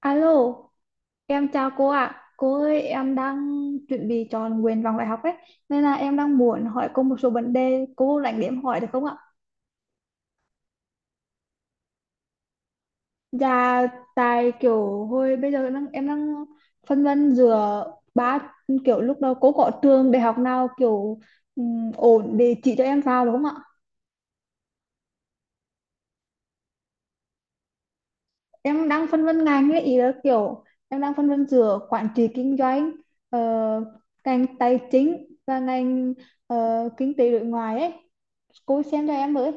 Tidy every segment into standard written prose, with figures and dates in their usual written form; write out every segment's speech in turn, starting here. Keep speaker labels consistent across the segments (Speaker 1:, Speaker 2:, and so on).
Speaker 1: Alo, em chào cô ạ. Cô ơi, em đang chuẩn bị chọn nguyện vọng đại học ấy, nên là em đang muốn hỏi cô một số vấn đề, cô rảnh để em hỏi được không ạ? Dạ, tại kiểu hồi bây giờ đang, em đang phân vân giữa ba kiểu lúc đó cô có trường đại học nào kiểu ổn để chỉ cho em vào đúng không ạ? Em đang phân vân ngành ấy, ý là kiểu em đang phân vân giữa quản trị kinh doanh, ờ, ngành tài chính và ngành, kinh tế đối ngoại ấy, cô xem cho em với.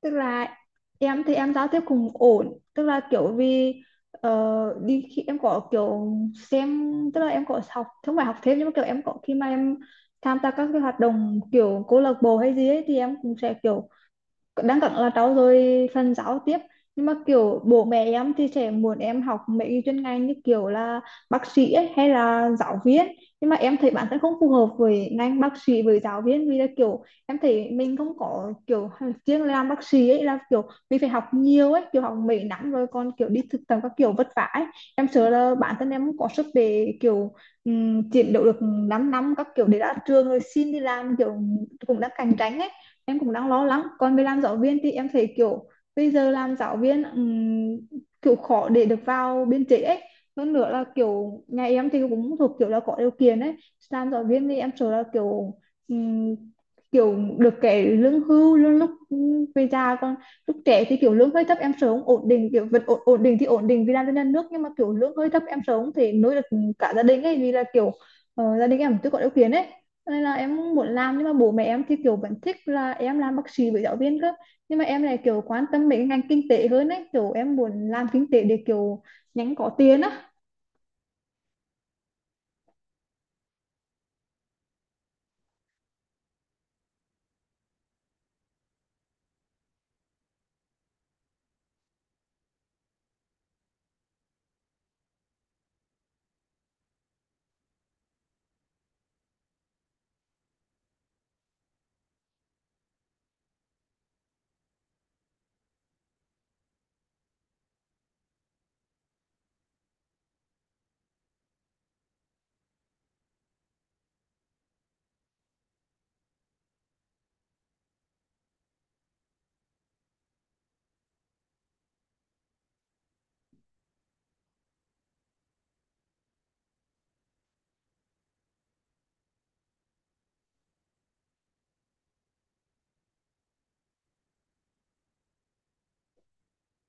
Speaker 1: Tức là em thì em giao tiếp cũng ổn, tức là kiểu vì, ờ, đi khi em có kiểu xem, tức là em có học không phải học thêm nhưng mà kiểu em có khi mà em tham gia các cái hoạt động kiểu câu lạc bộ hay gì ấy thì em cũng sẽ kiểu đang cận là trau dồi phần giáo tiếp. Nhưng mà kiểu bố mẹ em thì sẽ muốn em học mấy cái chuyên ngành như kiểu là bác sĩ ấy, hay là giáo viên, nhưng mà em thấy bản thân không phù hợp với ngành bác sĩ với giáo viên vì là kiểu em thấy mình không có kiểu riêng. Làm bác sĩ ấy là kiểu mình phải học nhiều ấy, kiểu học mấy năm rồi còn kiểu đi thực tập các kiểu vất vả ấy. Em sợ là bản thân em không có sức để kiểu, chiến đấu được 5 năm các kiểu để ra trường rồi xin đi làm, kiểu cũng đang cạnh tranh ấy, em cũng đang lo lắng. Còn về làm giáo viên thì em thấy kiểu bây giờ làm giáo viên kiểu khó để được vào biên chế ấy. Hơn nữa là kiểu nhà em thì cũng thuộc kiểu là có điều kiện ấy, làm giáo viên thì em sợ là kiểu ừm, kiểu được cái lương hưu, lương lúc về già, còn lúc trẻ thì kiểu lương hơi thấp em sợ không ổn định, kiểu vật ổn định thì ổn định vì làm cho nhà nước, nhưng mà kiểu lương hơi thấp em sợ không thể nuôi được cả gia đình ấy, vì là kiểu, gia đình em chưa có điều kiện ấy, cho nên là em muốn làm. Nhưng mà bố mẹ em thì kiểu vẫn thích là em làm bác sĩ với giáo viên cơ, nhưng mà em lại kiểu quan tâm mấy cái ngành kinh tế hơn ấy, kiểu em muốn làm kinh tế để kiểu nhanh có tiền á.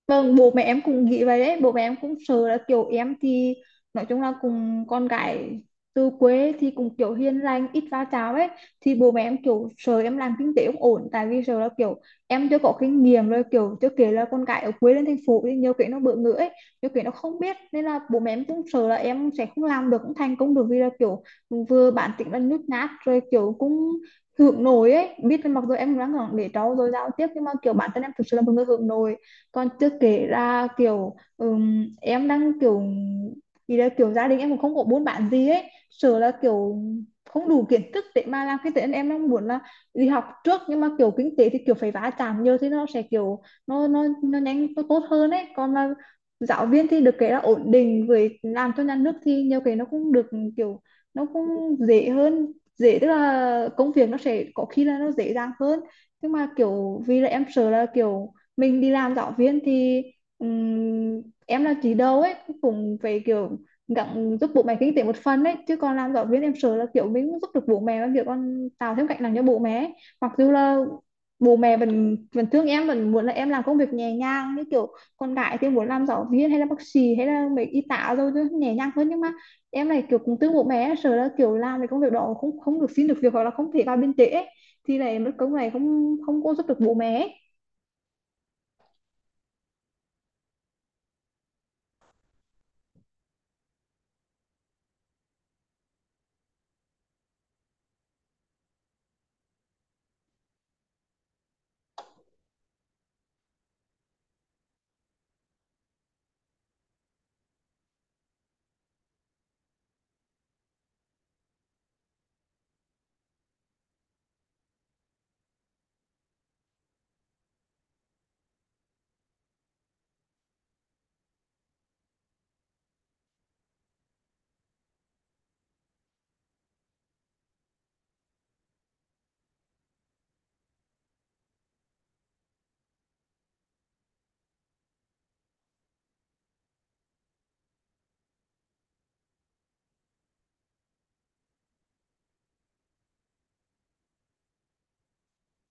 Speaker 1: Vâng, bố mẹ em cũng nghĩ vậy đấy, bố mẹ em cũng sợ là kiểu em thì nói chung là cùng con gái từ quê thì cũng kiểu hiền lành, ít va chạm ấy, thì bố mẹ em kiểu sợ em làm kinh tế không ổn, tại vì sợ là kiểu em chưa có kinh nghiệm rồi, kiểu chưa kể là con gái ở quê lên thành phố thì nhiều cái nó bỡ ngỡ ấy, nhiều cái nó không biết nên là bố mẹ em cũng sợ là em sẽ không làm được, không thành công được, vì là kiểu vừa bản tính là nhút nhát rồi kiểu cũng hướng nội ấy, biết là mặc dù em đang để cháu rồi giao tiếp nhưng mà kiểu bản thân em thực sự là một người hướng nội. Còn chưa kể ra kiểu em đang kiểu, thì là kiểu gia đình em cũng không có buôn bán gì ấy, sợ là kiểu không đủ kiến thức để mà làm kinh tế nên em đang muốn là đi học trước, nhưng mà kiểu kinh tế thì kiểu phải va chạm nhiều thì nó sẽ kiểu nó nhanh nó tốt hơn ấy. Còn là giáo viên thì được cái là ổn định với làm cho nhà nước thì nhiều cái nó cũng được kiểu, nó cũng dễ hơn, dễ tức là công việc nó sẽ có khi là nó dễ dàng hơn. Nhưng mà kiểu vì là em sợ là kiểu mình đi làm giáo viên thì em là chỉ đầu ấy cũng phải kiểu gắng giúp bố mẹ kinh tế một phần ấy, chứ còn làm giáo viên em sợ là kiểu mình không giúp được bố mẹ và kiểu con tạo thêm gánh nặng cho bố mẹ ấy. Mặc dù là bố mẹ vẫn vẫn thương em, vẫn muốn là em làm công việc nhẹ nhàng như kiểu con gái thì muốn làm giáo viên hay là bác sĩ hay là mấy y tá rồi, chứ nhẹ nhàng hơn, nhưng mà em này kiểu cũng thương bố mẹ, sợ là kiểu làm cái công việc đó không không được, xin được việc hoặc là không thể vào biên chế ấy, thì này mất công này không không có giúp được bố mẹ ấy.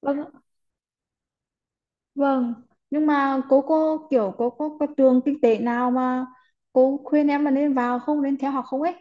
Speaker 1: Vâng, vâng, nhưng mà cô có kiểu cô có trường kinh tế nào mà cô khuyên em là nên vào không, nên theo học không ấy?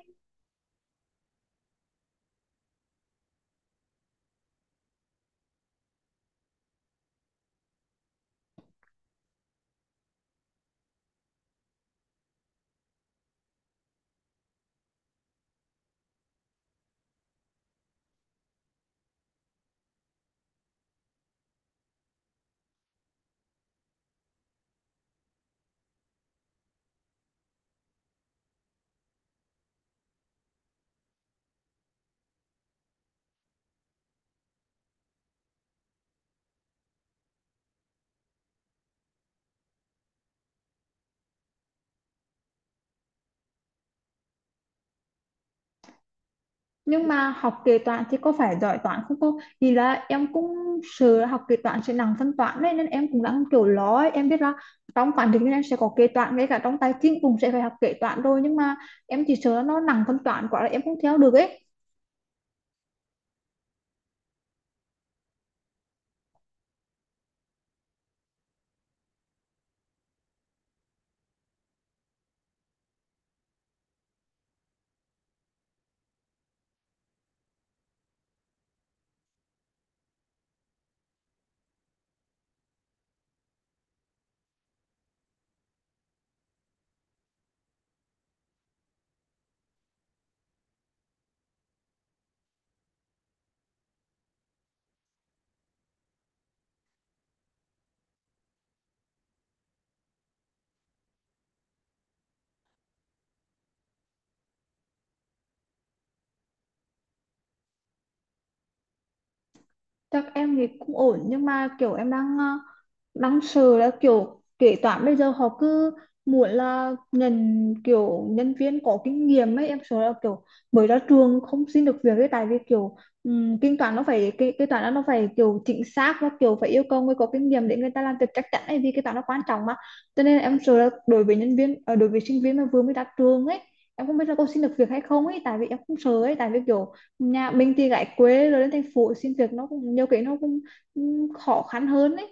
Speaker 1: Nhưng mà học kế toán thì có phải giỏi toán không cô? Thì là em cũng sợ học kế toán sẽ nặng phân toán đấy nên em cũng đang kiểu lo ấy. Em biết là trong quản lý nên em sẽ có kế toán, ngay cả trong tài chính cũng sẽ phải học kế toán rồi, nhưng mà em chỉ sợ nó nặng phân toán quá là em không theo được ấy. Chắc em thì cũng ổn nhưng mà kiểu em đang, đang sợ là kiểu kế toán bây giờ họ cứ muốn là nhận kiểu nhân viên có kinh nghiệm ấy, em sợ là kiểu mới ra trường không xin được việc ấy, tại vì kiểu kinh toán nó phải kế toán nó phải kiểu chính xác và kiểu phải yêu cầu người có kinh nghiệm để người ta làm việc chắc chắn ấy, vì kế toán nó quan trọng mà. Cho nên em sợ là đối với nhân viên, đối với sinh viên mà vừa mới ra trường ấy, em không biết là có xin được việc hay không ấy, tại vì em cũng sợ ấy, tại vì kiểu nhà mình thì gái quê rồi lên thành phố xin việc nó cũng nhiều cái nó cũng cũng khó khăn hơn ấy.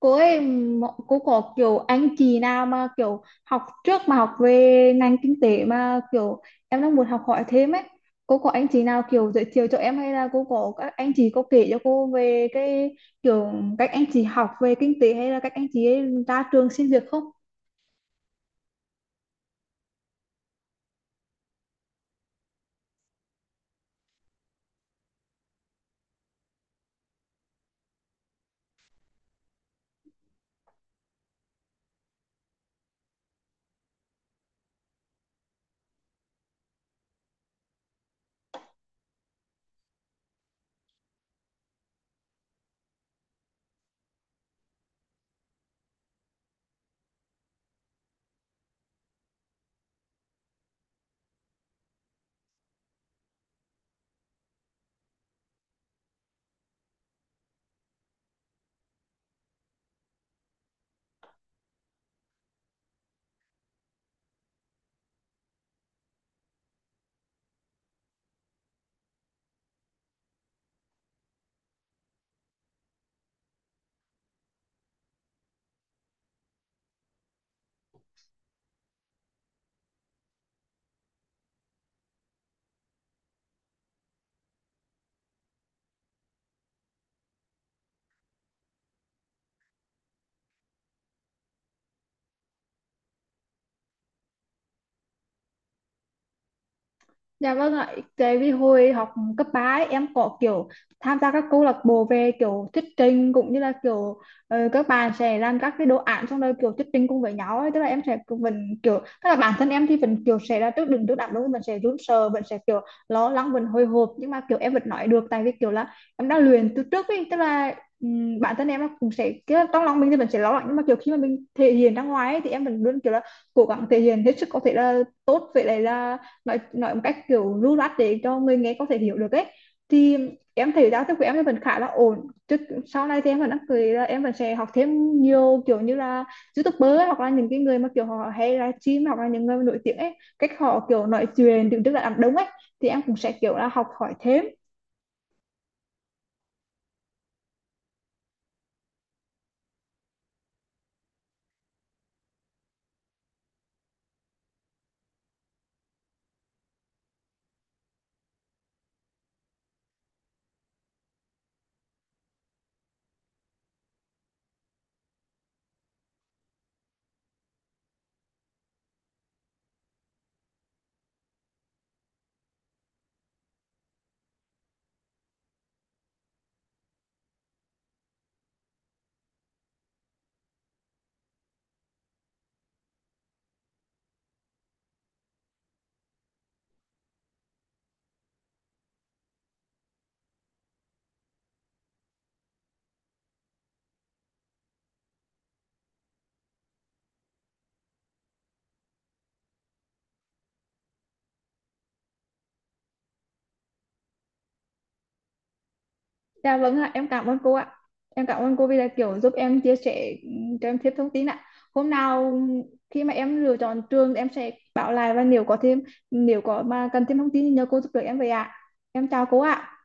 Speaker 1: Cô ấy, cô có kiểu anh chị nào mà kiểu học trước mà học về ngành kinh tế mà kiểu em đang muốn học hỏi thêm ấy, cô có anh chị nào kiểu giới thiệu cho em, hay là cô có các anh chị có kể cho cô về cái kiểu cách anh chị học về kinh tế hay là cách anh chị ấy ra trường xin việc không? Dạ vâng ạ, tại vì hồi học cấp 3 ấy, em có kiểu tham gia các câu lạc bộ về kiểu thuyết trình, cũng như là kiểu, các bạn sẽ làm các cái đồ án xong rồi kiểu thuyết trình cùng với nhau ấy. Tức là em sẽ cứ vẫn kiểu, tức là bản thân em thì vẫn kiểu sẽ là trước đứng trước đám đông mình sẽ run sợ, mình sẽ kiểu lo lắng vẫn hồi hộp, nhưng mà kiểu em vẫn nói được tại vì kiểu là em đã luyện từ trước ấy, tức là bản thân em nó cũng sẽ kiểu trong lòng mình thì mình sẽ lo lắng, nhưng mà kiểu khi mà mình thể hiện ra ngoài ấy, thì em vẫn luôn kiểu là cố gắng thể hiện hết sức có thể là tốt vậy đấy, là nói một cách kiểu lưu loát để cho người nghe có thể hiểu được ấy. Thì em thấy giao tiếp của em vẫn khá là ổn chứ, sau này thì em vẫn đang cười là em vẫn sẽ học thêm nhiều, kiểu như là YouTuber ấy, hoặc là những cái người mà kiểu họ hay livestream, hoặc là những người nổi tiếng ấy, cách họ kiểu nói chuyện đứng trước là đám đông ấy, thì em cũng sẽ kiểu là học hỏi thêm. Dạ vâng ạ, em cảm ơn cô ạ. Em cảm ơn cô vì là kiểu giúp em chia sẻ, cho em thêm thông tin ạ. Hôm nào khi mà em lựa chọn trường em sẽ báo lại, và nếu có thêm, nếu có mà cần thêm thông tin thì nhờ cô giúp đỡ em vậy ạ. Em chào cô ạ.